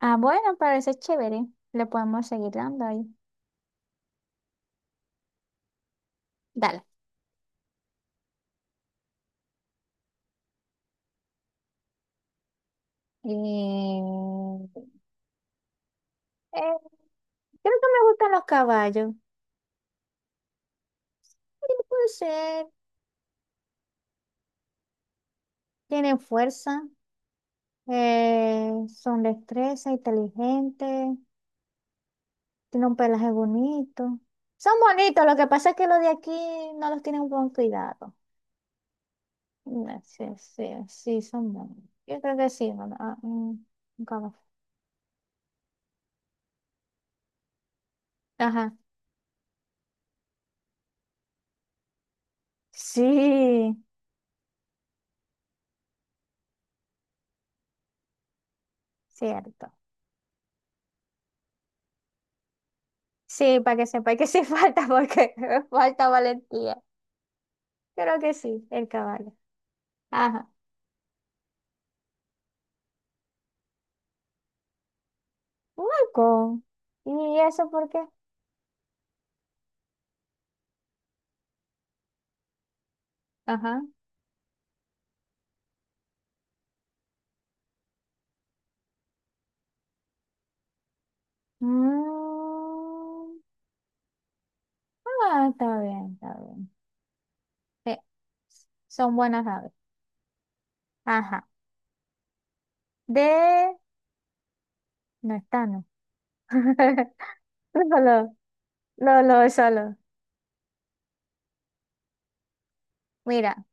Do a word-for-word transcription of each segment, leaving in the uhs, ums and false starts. Ah, bueno, parece chévere. Le podemos seguir dando ahí. Dale. Eh, eh, Creo que me gustan los caballos. Sí, puede ser. Tienen fuerza. Eh, son destreza, inteligentes. Tienen un pelaje bonito. Son bonitos. Lo que pasa es que los de aquí no los tienen buen cuidado. No. Sí, sí, sí, son bonitos. Yo creo que sí. No, no, ah, mm, un caballo. Ajá. Sí, cierto. Sí, para que sepa que sí falta, porque falta valentía. Creo que sí, el caballo. Ajá. Un halcón. ¿Y eso por qué? Ajá. Mm, ah, está bien, está bien. Sí, son buenas aves. Ajá. De... No está, no. Lolo, Lolo, solo. Mira,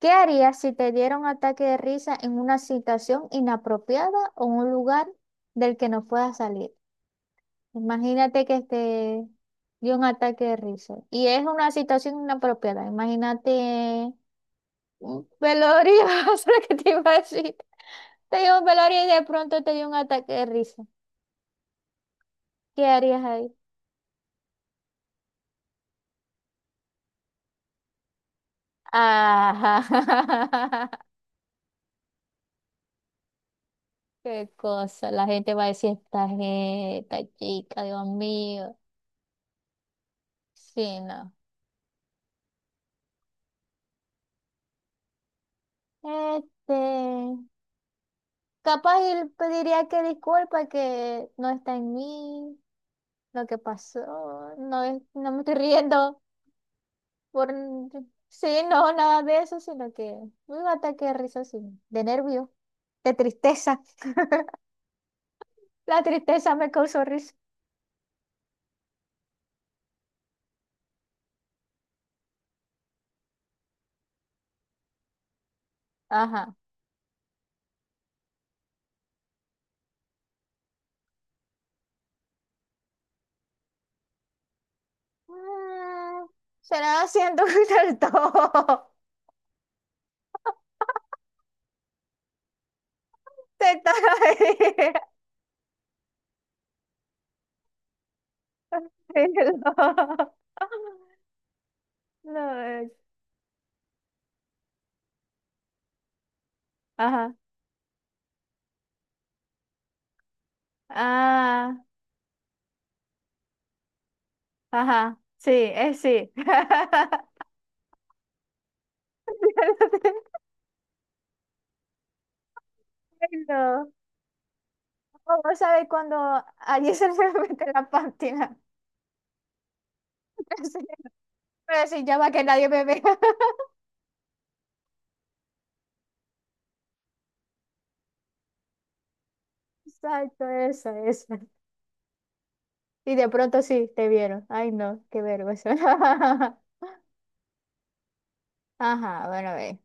¿qué harías si te diera un ataque de risa en una situación inapropiada o un lugar del que no puedas salir? Imagínate que este dio un ataque de risa. Y es una situación inapropiada. Imagínate un velorio, eso es lo que te iba a decir. Te dio un velorio y de pronto te dio un ataque de risa. ¿Qué harías ahí? Ajá. Qué cosa. La gente va a decir, esta, gente, esta chica, Dios mío. Sí, no. Este, Capaz él diría que disculpa que no está en mí. Lo que pasó, no, es- no me estoy riendo por, sí, no, nada de eso, sino que un ataque de risa, sí, de nervio, de tristeza. La tristeza me causó risa. Ajá. Mm, será haciendo del todo. Te estaba riendo. No, es- Ajá. Ah, ajá. Sí, es sí. Ay, no. O vos cuando alguien se le mete la pátina. Pero decir, ya va que nadie me vea. Exacto, eso, eso. Y de pronto sí, te vieron. Ay, no, qué vergüenza. Ajá, bueno, a ver.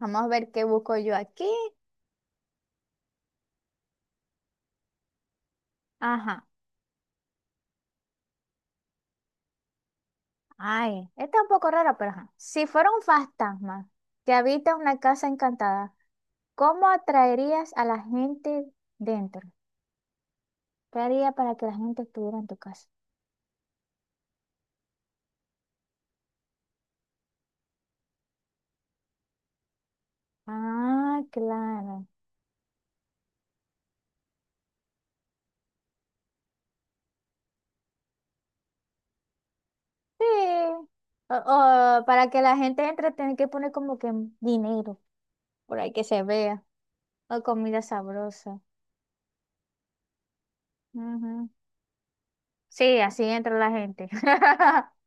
Vamos a ver qué busco yo aquí. Ajá. Ay, esta es un poco rara, pero ajá. Si fuera un fantasma que habita una casa encantada, ¿cómo atraerías a la gente dentro? ¿Qué haría para que la gente estuviera en tu casa? Ah, claro. Sí. O- o para que la gente entre, tienen que poner como que dinero, por ahí que se vea. O comida sabrosa. Ujú. Sí, así entra la gente.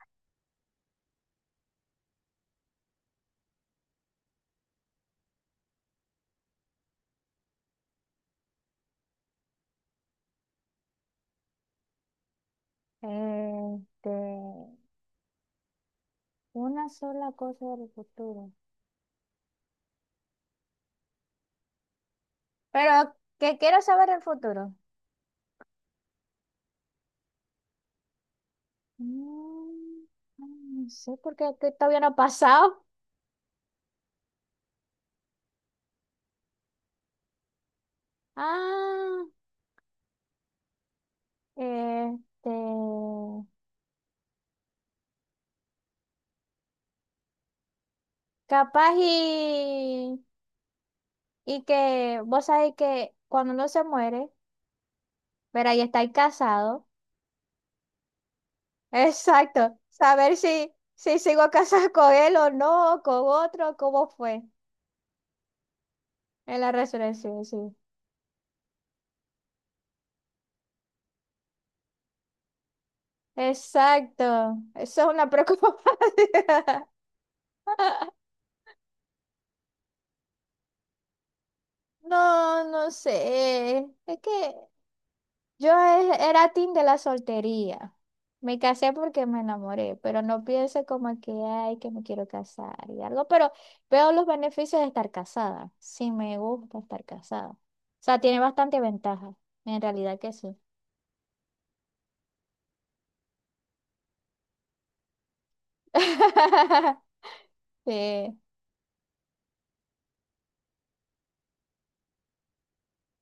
Este, una sola cosa del futuro. Pero que quiero saber el futuro. Mm, no sé por qué que todavía no ha pasado. Ah, este, capaz y, y que vos sabés que cuando uno se muere. Pero ahí está el casado. Exacto. Saber si, si sigo casada con él o no, o con otro, cómo fue en la resurrección, sí. Exacto. Eso es una preocupación. No, no sé. Es que yo e- era team de la soltería. Me casé porque me enamoré, pero no pienso como que, ay, que me quiero casar y algo, pero veo los beneficios de estar casada. Sí, me gusta estar casada. O sea, tiene bastante ventaja. En realidad que sí. Sí,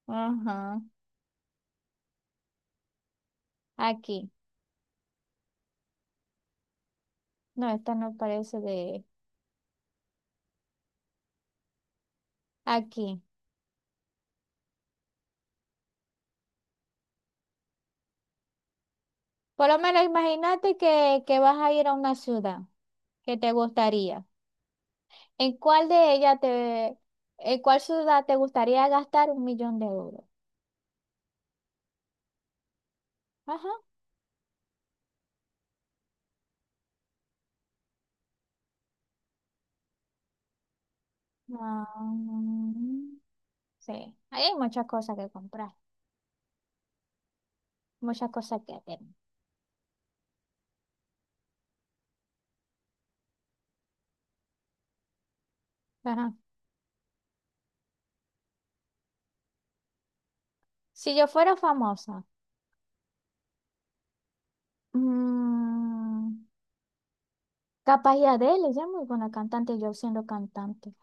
ajá. Aquí. No, esta no parece de aquí. Por lo menos imagínate que, que vas a ir a una ciudad que te gustaría. ¿En cuál de ellas te, ¿En cuál ciudad te gustaría gastar un millón de euros? Ajá. Ah, mm, sí, ahí hay muchas cosas que comprar, muchas cosas que hacer. Ajá. Si yo fuera famosa, mm, capaz y Adele, ella es muy buena cantante, yo siendo cantante.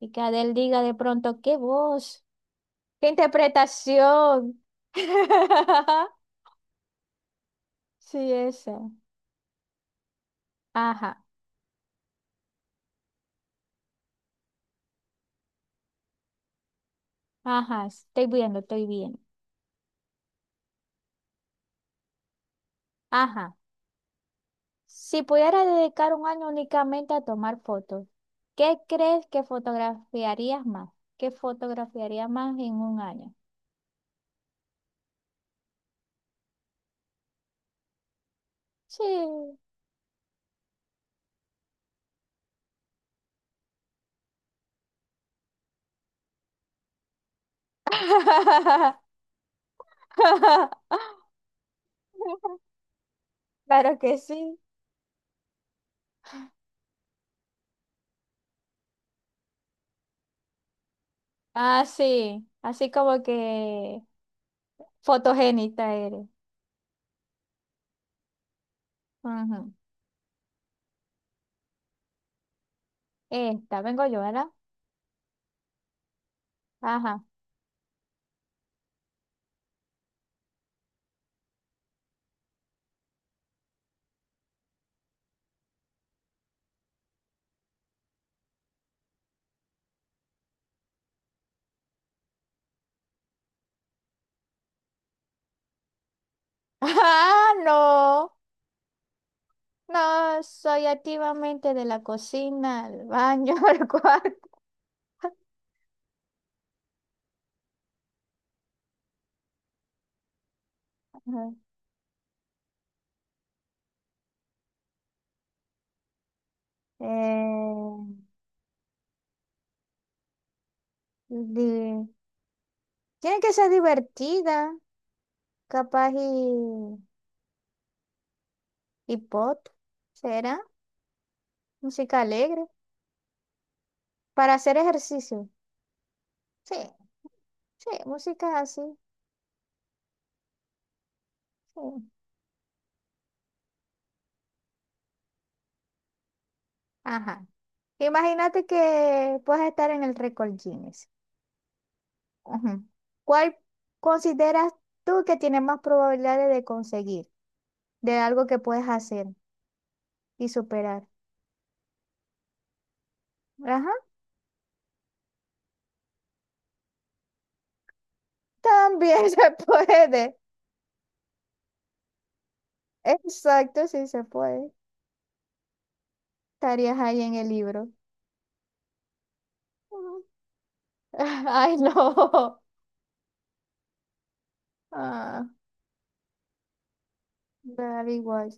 Y que Adele diga de pronto, qué voz, qué interpretación. Sí, eso. Ajá, ajá, estoy viendo, estoy viendo. Ajá. Si pudiera dedicar un año únicamente a tomar fotos, ¿qué crees que fotografiarías más? ¿Qué fotografiarías más en un año? Sí. Claro que sí. Ah, sí. Así como que fotogénita eres. Ujú. Esta, vengo yo, ¿verdad? Ajá. Ah, no. No, soy activamente de la cocina, al baño, al cuarto. Ajá. Eh, Di- Tiene que ser divertida, capaz y, y pop, ¿será? Música alegre, para hacer ejercicio. Sí, sí, música así, sí. Ajá. Imagínate que puedes estar en el récord Guinness. Ujú. ¿Cuál consideras tú que tiene más probabilidades de conseguir, de algo que puedes hacer y superar? Ajá, también se puede. Exacto, sí se puede. Estarías ahí en el libro. Ay, no. Ah, Daddy igual.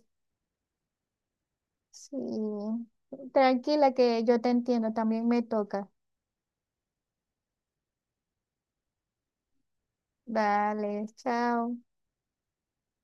Sí. Tranquila que yo te entiendo, también me toca. Dale, chao.